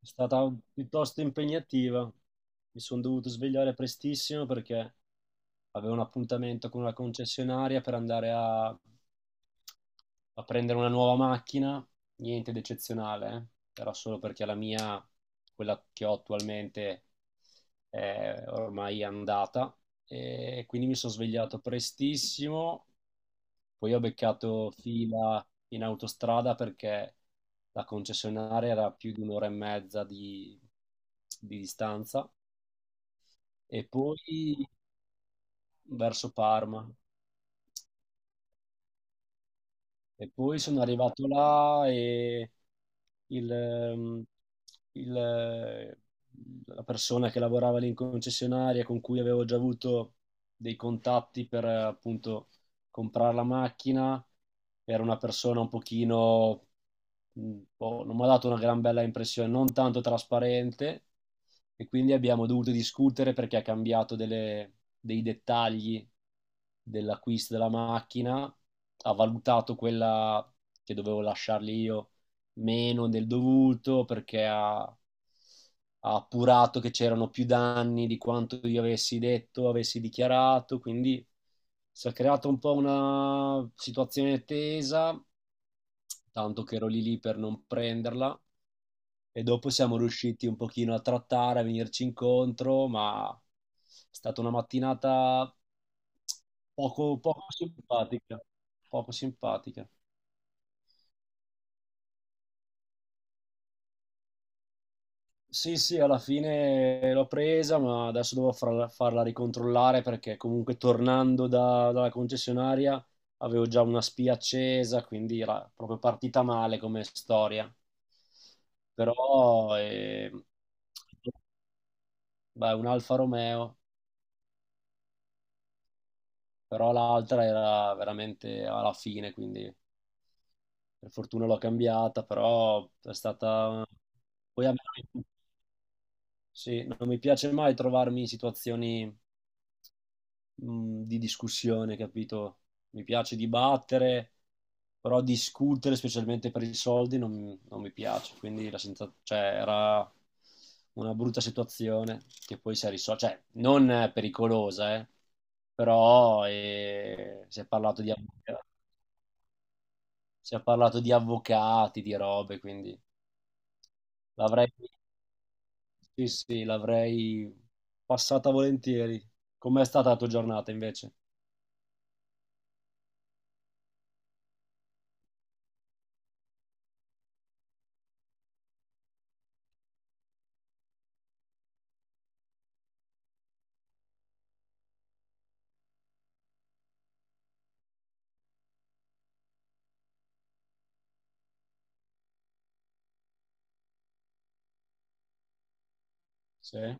È stata piuttosto impegnativa. Mi sono dovuto svegliare prestissimo perché avevo un appuntamento con una concessionaria per andare a prendere una nuova macchina. Niente di eccezionale, eh. Era solo perché la mia, quella che ho attualmente, è ormai andata. E quindi mi sono svegliato prestissimo, poi ho beccato fila in autostrada perché la concessionaria era a più di un'ora e mezza di distanza e poi verso Parma. E poi sono arrivato là e il, ehm, il, eh, la persona che lavorava lì in concessionaria, con cui avevo già avuto dei contatti per appunto comprare la macchina, era una persona un pochino, boh, non mi ha dato una gran bella impressione, non tanto trasparente, e quindi abbiamo dovuto discutere perché ha cambiato dei dettagli dell'acquisto della macchina, ha valutato quella che dovevo lasciargli io meno del dovuto perché ha appurato che c'erano più danni di quanto io avessi detto, avessi dichiarato. Quindi si è creata un po' una situazione tesa, tanto che ero lì lì per non prenderla, e dopo siamo riusciti un pochino a trattare, a venirci incontro, ma è stata una mattinata poco, poco simpatica, poco simpatica. Sì, sì, alla fine l'ho presa, ma adesso devo farla, farla ricontrollare perché comunque tornando dalla concessionaria avevo già una spia accesa, quindi era proprio partita male come storia. Però beh, un Alfa Romeo, però l'altra era veramente alla fine, quindi per fortuna l'ho cambiata, però è stata... Poi a me non mi- sì, non mi piace mai trovarmi in situazioni di discussione, capito? Mi piace dibattere, però discutere, specialmente per i soldi, non mi piace. Quindi la senza- cioè, era una brutta situazione che poi si è risolta, cioè non pericolosa, però si è parlato di avvocati, di robe, quindi l'avrei sì, sì, l'avrei passata volentieri. Com'è stata la tua giornata invece? Sì. Ah,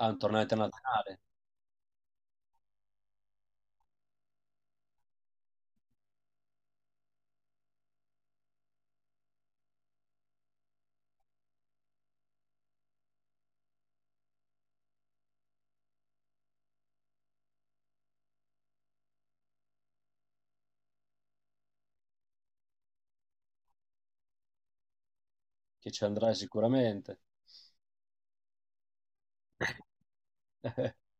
un torneo internazionale. Che ci andrai sicuramente.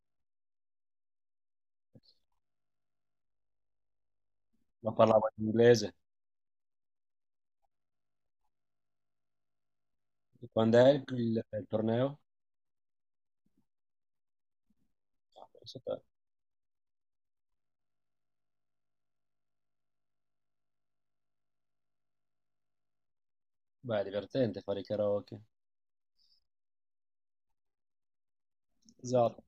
Ma parlava in inglese. E quando è il torneo? Ah, pensa te. Beh, è divertente fare i karaoke. Esatto.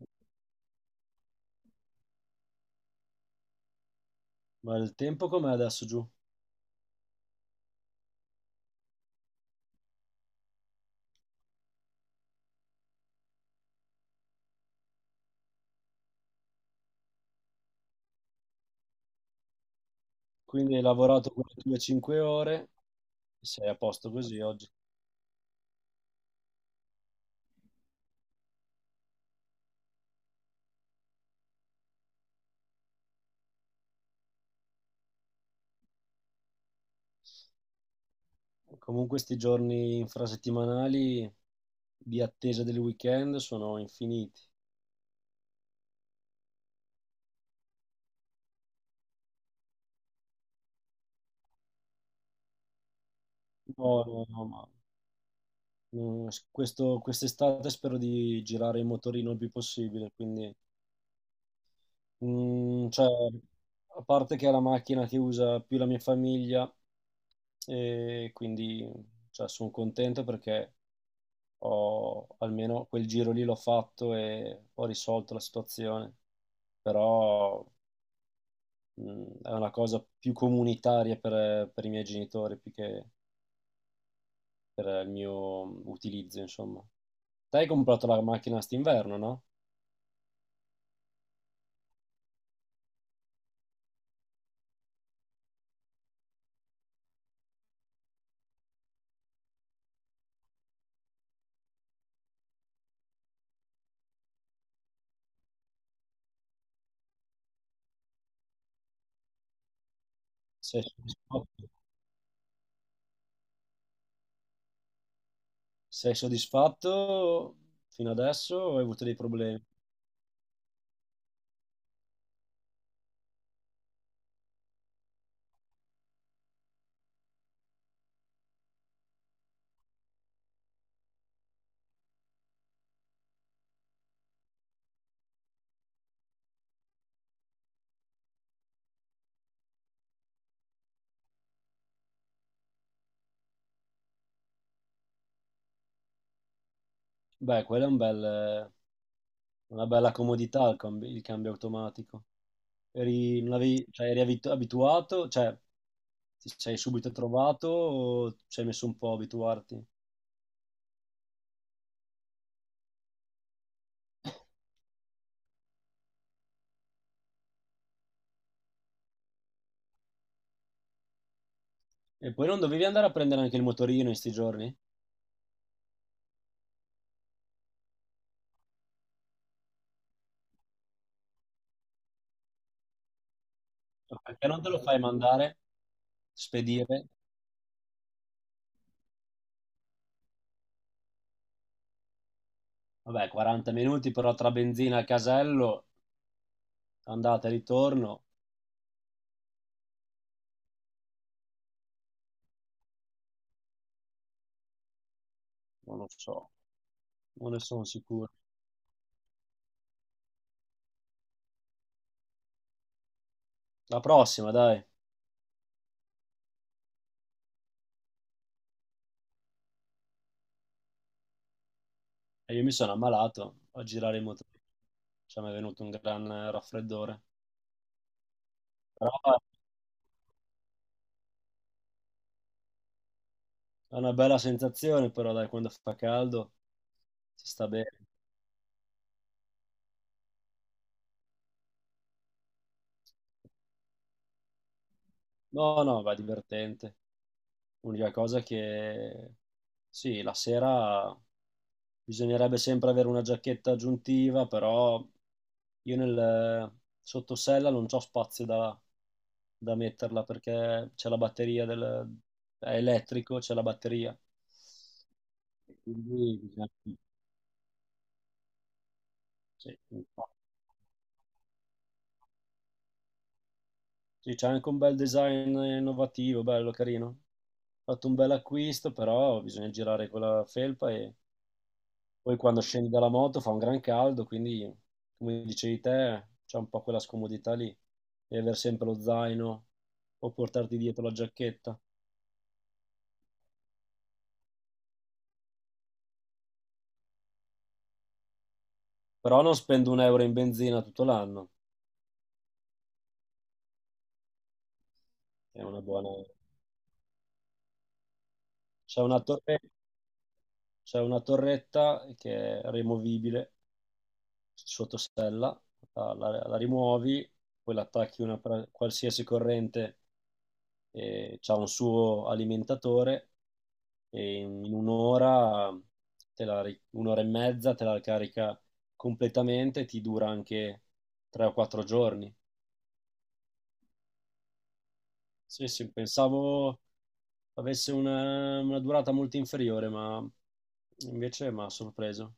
Ma il tempo com'è adesso giù? Quindi hai lavorato quelle tue 5 ore, sei a posto così oggi. Comunque questi giorni infrasettimanali di attesa del weekend sono infiniti. No, no, no, ma no, quest'estate spero di girare in motorino il più possibile, quindi... Cioè, a parte che è la macchina che usa più la mia famiglia, e quindi sono contento perché ho almeno quel giro lì, l'ho fatto e ho risolto la situazione. Però è una cosa più comunitaria per i miei genitori più che per il mio utilizzo, insomma. Te hai comprato la macchina st'inverno, no? Sei soddisfatto? Sei soddisfatto fino adesso o hai avuto dei problemi? Beh, quella è una bella comodità, il cambio automatico. Eri, non avevi- cioè, eri abituato, cioè ti sei subito trovato o ci hai messo un po' a abituarti? E poi non dovevi andare a prendere anche il motorino in sti giorni? Cioè, perché non te lo fai mandare, spedire? Vabbè, 40 minuti però tra benzina e casello, andata e ritorno, non lo so, non ne sono sicuro. La prossima, dai. E io mi sono ammalato a girare in motorino, cioè mi è venuto un gran raffreddore. Però è una bella sensazione, però dai, quando fa caldo si sta bene. No, no, va divertente. L'unica cosa che sì, la sera bisognerebbe sempre avere una giacchetta aggiuntiva, però io nel sottosella non c'ho spazio da metterla perché c'è la batteria del... è elettrico, c'è la batteria. E quindi diciamo, sì, sì, c'è anche un bel design innovativo, bello, carino. Ho fatto un bel acquisto, però bisogna girare con la felpa e poi quando scendi dalla moto fa un gran caldo, quindi come dicevi te, c'è un po' quella scomodità lì di aver sempre lo zaino o portarti dietro la giacchetta. Però non spendo un euro in benzina tutto l'anno, è una buona... C'è una torre- c'è una torretta che è rimovibile sotto sella, la rimuovi, poi l'attacchi a qualsiasi corrente e c'ha un suo alimentatore e in un'ora, te la un'ora e mezza te la carica completamente, ti dura anche 3 o 4 giorni. Sì, sì, pensavo avesse una durata molto inferiore, ma invece mi ha sorpreso.